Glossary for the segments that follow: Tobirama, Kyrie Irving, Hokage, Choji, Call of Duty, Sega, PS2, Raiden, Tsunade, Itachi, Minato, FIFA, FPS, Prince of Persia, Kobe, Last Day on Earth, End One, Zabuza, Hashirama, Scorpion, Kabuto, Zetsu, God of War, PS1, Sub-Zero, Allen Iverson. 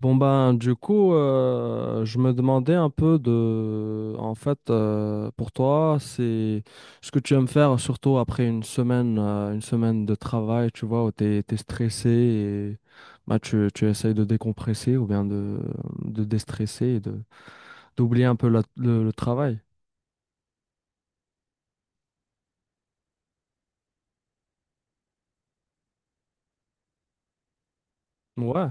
Bon, ben, du coup, je me demandais un peu de en fait, pour toi c'est ce que tu aimes faire surtout après une semaine, une semaine de travail, tu vois, où t'es stressé et bah, tu essayes de décompresser ou bien de déstresser et de d'oublier un peu le travail. Ouais,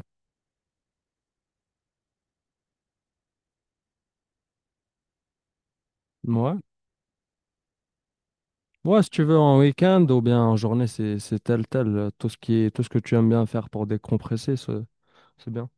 ouais. Ouais, si tu veux en week-end ou bien en journée, c'est tel tel tout ce que tu aimes bien faire pour décompresser, c'est bien.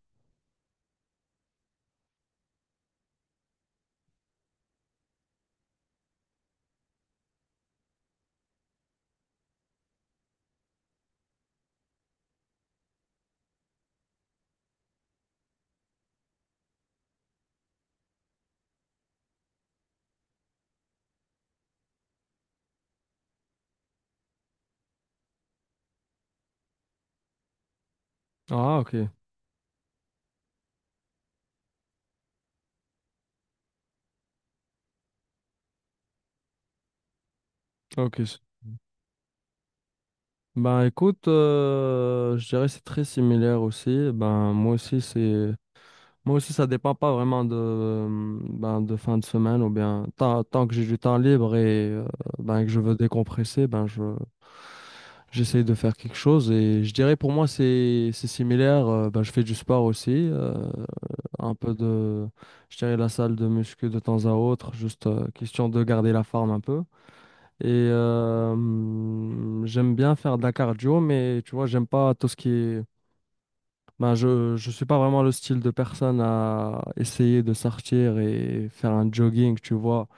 Ah, ok, ok. Ben écoute, je dirais que c'est très similaire aussi. Moi aussi ça dépend pas vraiment de ben, de fin de semaine ou bien tant que j'ai du temps libre et, ben, que je veux décompresser, ben je j'essaye de faire quelque chose, et je dirais pour moi c'est similaire. Ben, je fais du sport aussi. Un peu de Je dirais la salle de muscu de temps à autre, juste, question de garder la forme un peu. Et j'aime bien faire de la cardio, mais tu vois, j'aime pas tout ce qui est. Ben, je suis pas vraiment le style de personne à essayer de sortir et faire un jogging, tu vois,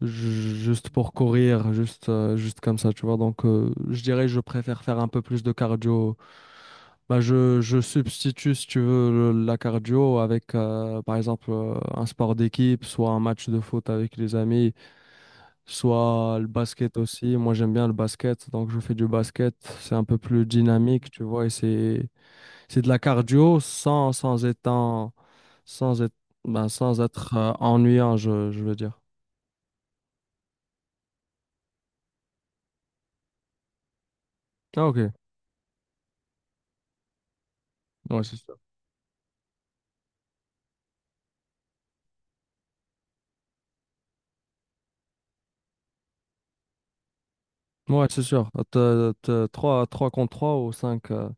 juste pour courir, juste comme ça, tu vois. Donc, je dirais que je préfère faire un peu plus de cardio. Ben, je substitue, si tu veux, la cardio avec, par exemple, un sport d'équipe, soit un match de foot avec les amis, soit le basket aussi. Moi, j'aime bien le basket, donc je fais du basket. C'est un peu plus dynamique, tu vois, et c'est de la cardio sans être sans être ennuyant, je veux dire. Ah, ok, ouais, c'est ça. Ouais, c'est sûr. T'as 3 contre 3 ou 5.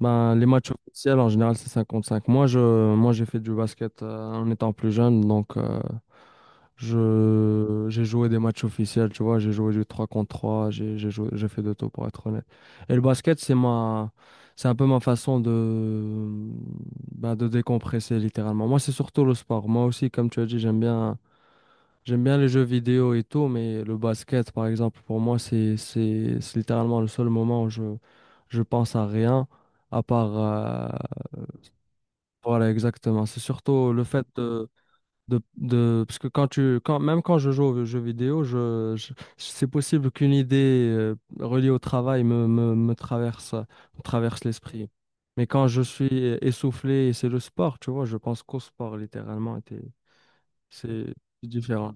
Ben, les matchs officiels, en général, c'est 5 contre 5. Moi, j'ai fait du basket en étant plus jeune. Donc, j'ai joué des matchs officiels, tu vois. J'ai joué du 3 contre 3. J'ai joué, j'ai fait de tout, pour être honnête. Et le basket, c'est c'est un peu ma façon de, ben, de décompresser, littéralement. Moi, c'est surtout le sport. Moi aussi, comme tu as dit, j'aime bien. J'aime bien les jeux vidéo et tout, mais le basket, par exemple, pour moi, c'est littéralement le seul moment où je pense à rien, à part... euh, voilà, exactement. C'est surtout le fait Parce que quand tu... Quand, même quand je joue aux jeux vidéo, c'est possible qu'une idée, reliée au travail, me traverse, l'esprit. Mais quand je suis essoufflé, et c'est le sport, tu vois, je pense qu'au sport, littéralement, et c'est différent.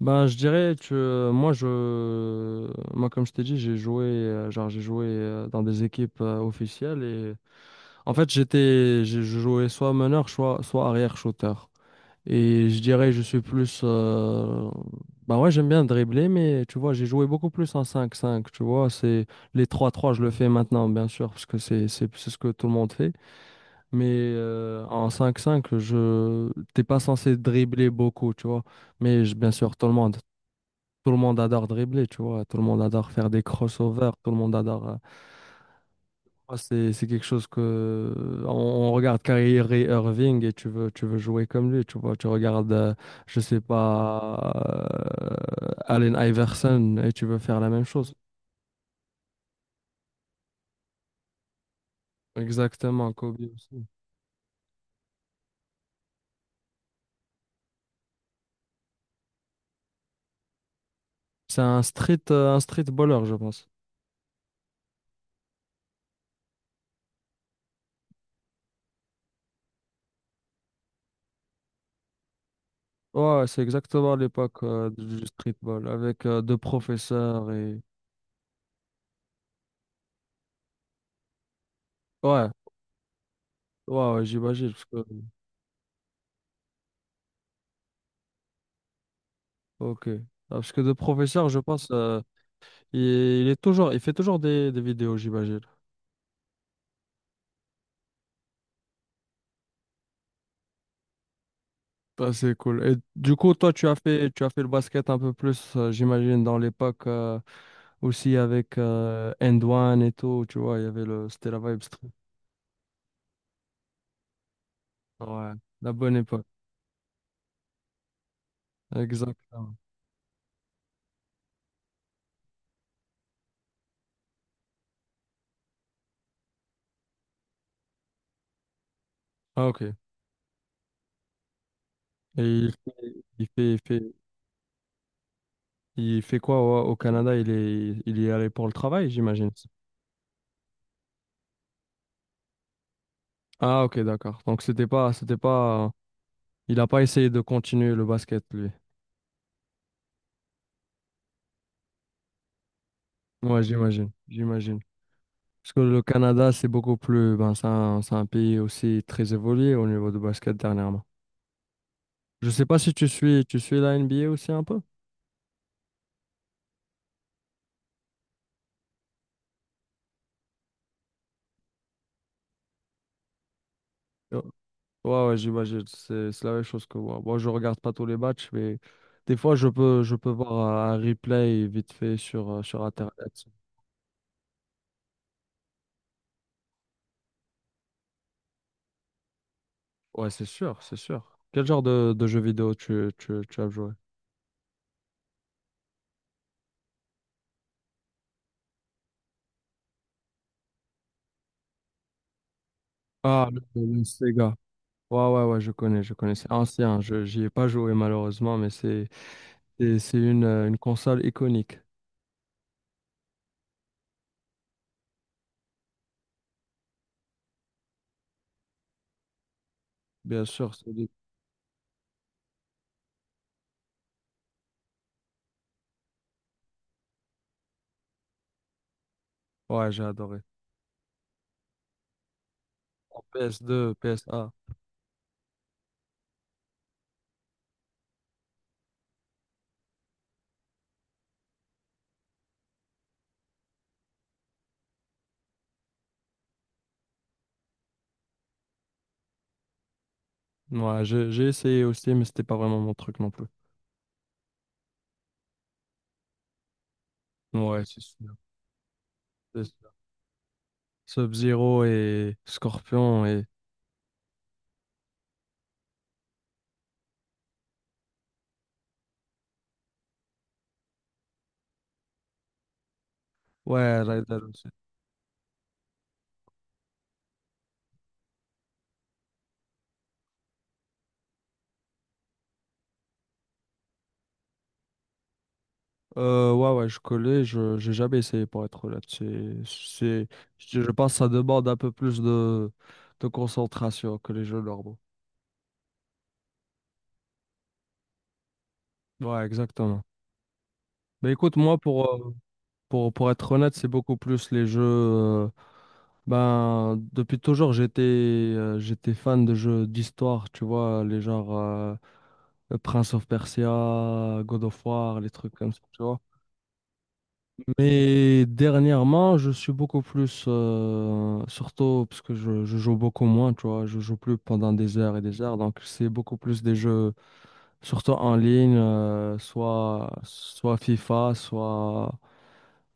Ben, je dirais que, moi, moi, comme je t'ai dit, j'ai joué, dans des équipes, officielles, et en fait, j'étais, j'ai je jouais soit meneur, soit arrière shooter. Et je dirais je suis plus, ben ouais, j'aime bien dribbler, mais tu vois, j'ai joué beaucoup plus en cinq cinq, tu vois, c'est les trois trois, je le fais maintenant, bien sûr, parce que c'est ce que tout le monde fait. Mais, en cinq cinq, t'es pas censé dribbler beaucoup, tu vois. Mais bien sûr, tout le monde adore dribbler, tu vois. Tout le monde adore faire des crossovers. Tout le monde adore. Moi, c'est quelque chose que... on regarde Kyrie Irving et tu veux jouer comme lui, tu vois. Tu regardes, je sais pas, Allen Iverson, et tu veux faire la même chose. Exactement, Kobe aussi. C'est un street, baller, je pense. Ouais, c'est exactement l'époque, du streetball avec, deux professeurs et. Ouais, ouais, ouais, j'imagine. Parce que... Ok. Ah, parce que deux professeurs, je pense. Il est toujours, il fait toujours des vidéos, j'imagine. Bah, c'est cool. Et du coup, toi, tu as fait, le basket un peu plus, j'imagine, dans l'époque, aussi avec, End One et tout, tu vois. Il y avait le, C'était la vibe street. Ouais, la bonne époque. Exactement. Ah, ok. Et il fait, il fait, il fait, il fait quoi au, Canada? Il y est allé pour le travail, j'imagine. Ah, ok, d'accord. Donc, c'était pas, il a pas essayé de continuer le basket, lui. Ouais, j'imagine, j'imagine. Parce que le Canada, c'est beaucoup plus... Ben, c'est un pays aussi très évolué au niveau du basket dernièrement. Je sais pas si tu suis la NBA aussi un peu? Euh, Ouais, ouais, j'imagine. C'est la même chose que moi. Moi, je regarde pas tous les matchs, mais des fois, je peux voir un replay vite fait sur Internet. Ouais, c'est sûr, c'est sûr. Quel genre de jeu vidéo tu as joué? Ah, le Sega. Ouais, ouais, ouais, je connais. C'est ancien. J'y ai pas joué malheureusement, mais c'est une console iconique. Bien sûr, Solid. Ouais, j'ai adoré. En PS2, PS1. Ouais, j'ai essayé aussi, mais c'était pas vraiment mon truc non plus. Ouais, c'est sûr, c'est sûr. Sub-Zero et Scorpion. Ouais, Raiden aussi. Ouais, ouais, je connais, je j'ai jamais essayé, pour être honnête. C'est... je pense que ça demande un peu plus de concentration que les jeux normaux. Ouais, exactement. Mais écoute, moi, pour... Pour être honnête, c'est beaucoup plus les jeux. Ben, depuis toujours, j'étais fan de jeux d'histoire, tu vois, les genres, Prince of Persia, God of War, les trucs comme ça, tu vois. Mais dernièrement, je suis beaucoup plus, surtout parce que je joue beaucoup moins, tu vois, je joue plus pendant des heures et des heures, donc c'est beaucoup plus des jeux surtout en ligne, soit FIFA,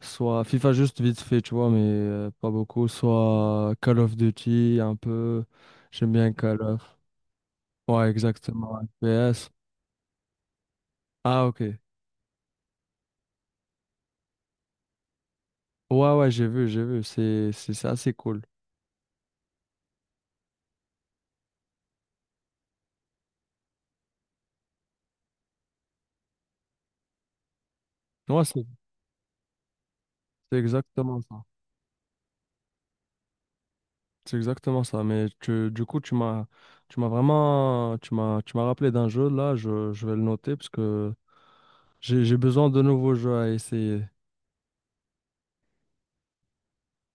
Soit FIFA juste vite fait, tu vois, mais, pas beaucoup. Soit Call of Duty, un peu. J'aime bien Call of. Ouais, exactement. FPS. Ah, ok. Ouais, ouais, j'ai vu. C'est assez cool. Ouais, c'est exactement ça. C'est exactement ça. Mais du coup, tu m'as rappelé d'un jeu. Là, je vais le noter parce que j'ai besoin de nouveaux jeux à essayer.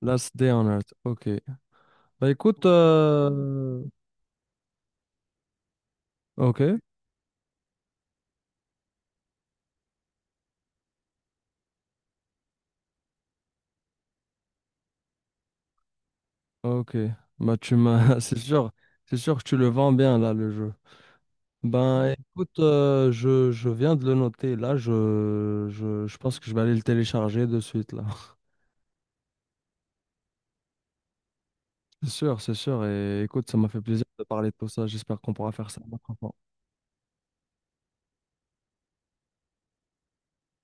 Last Day on Earth. Ok. Bah écoute, ok. Ok, bah c'est sûr que tu le vends bien là, le jeu. Ben écoute, je viens de le noter là, je pense que je vais aller le télécharger de suite là. C'est sûr, et écoute, ça m'a fait plaisir de parler de tout ça, j'espère qu'on pourra faire ça une autre fois.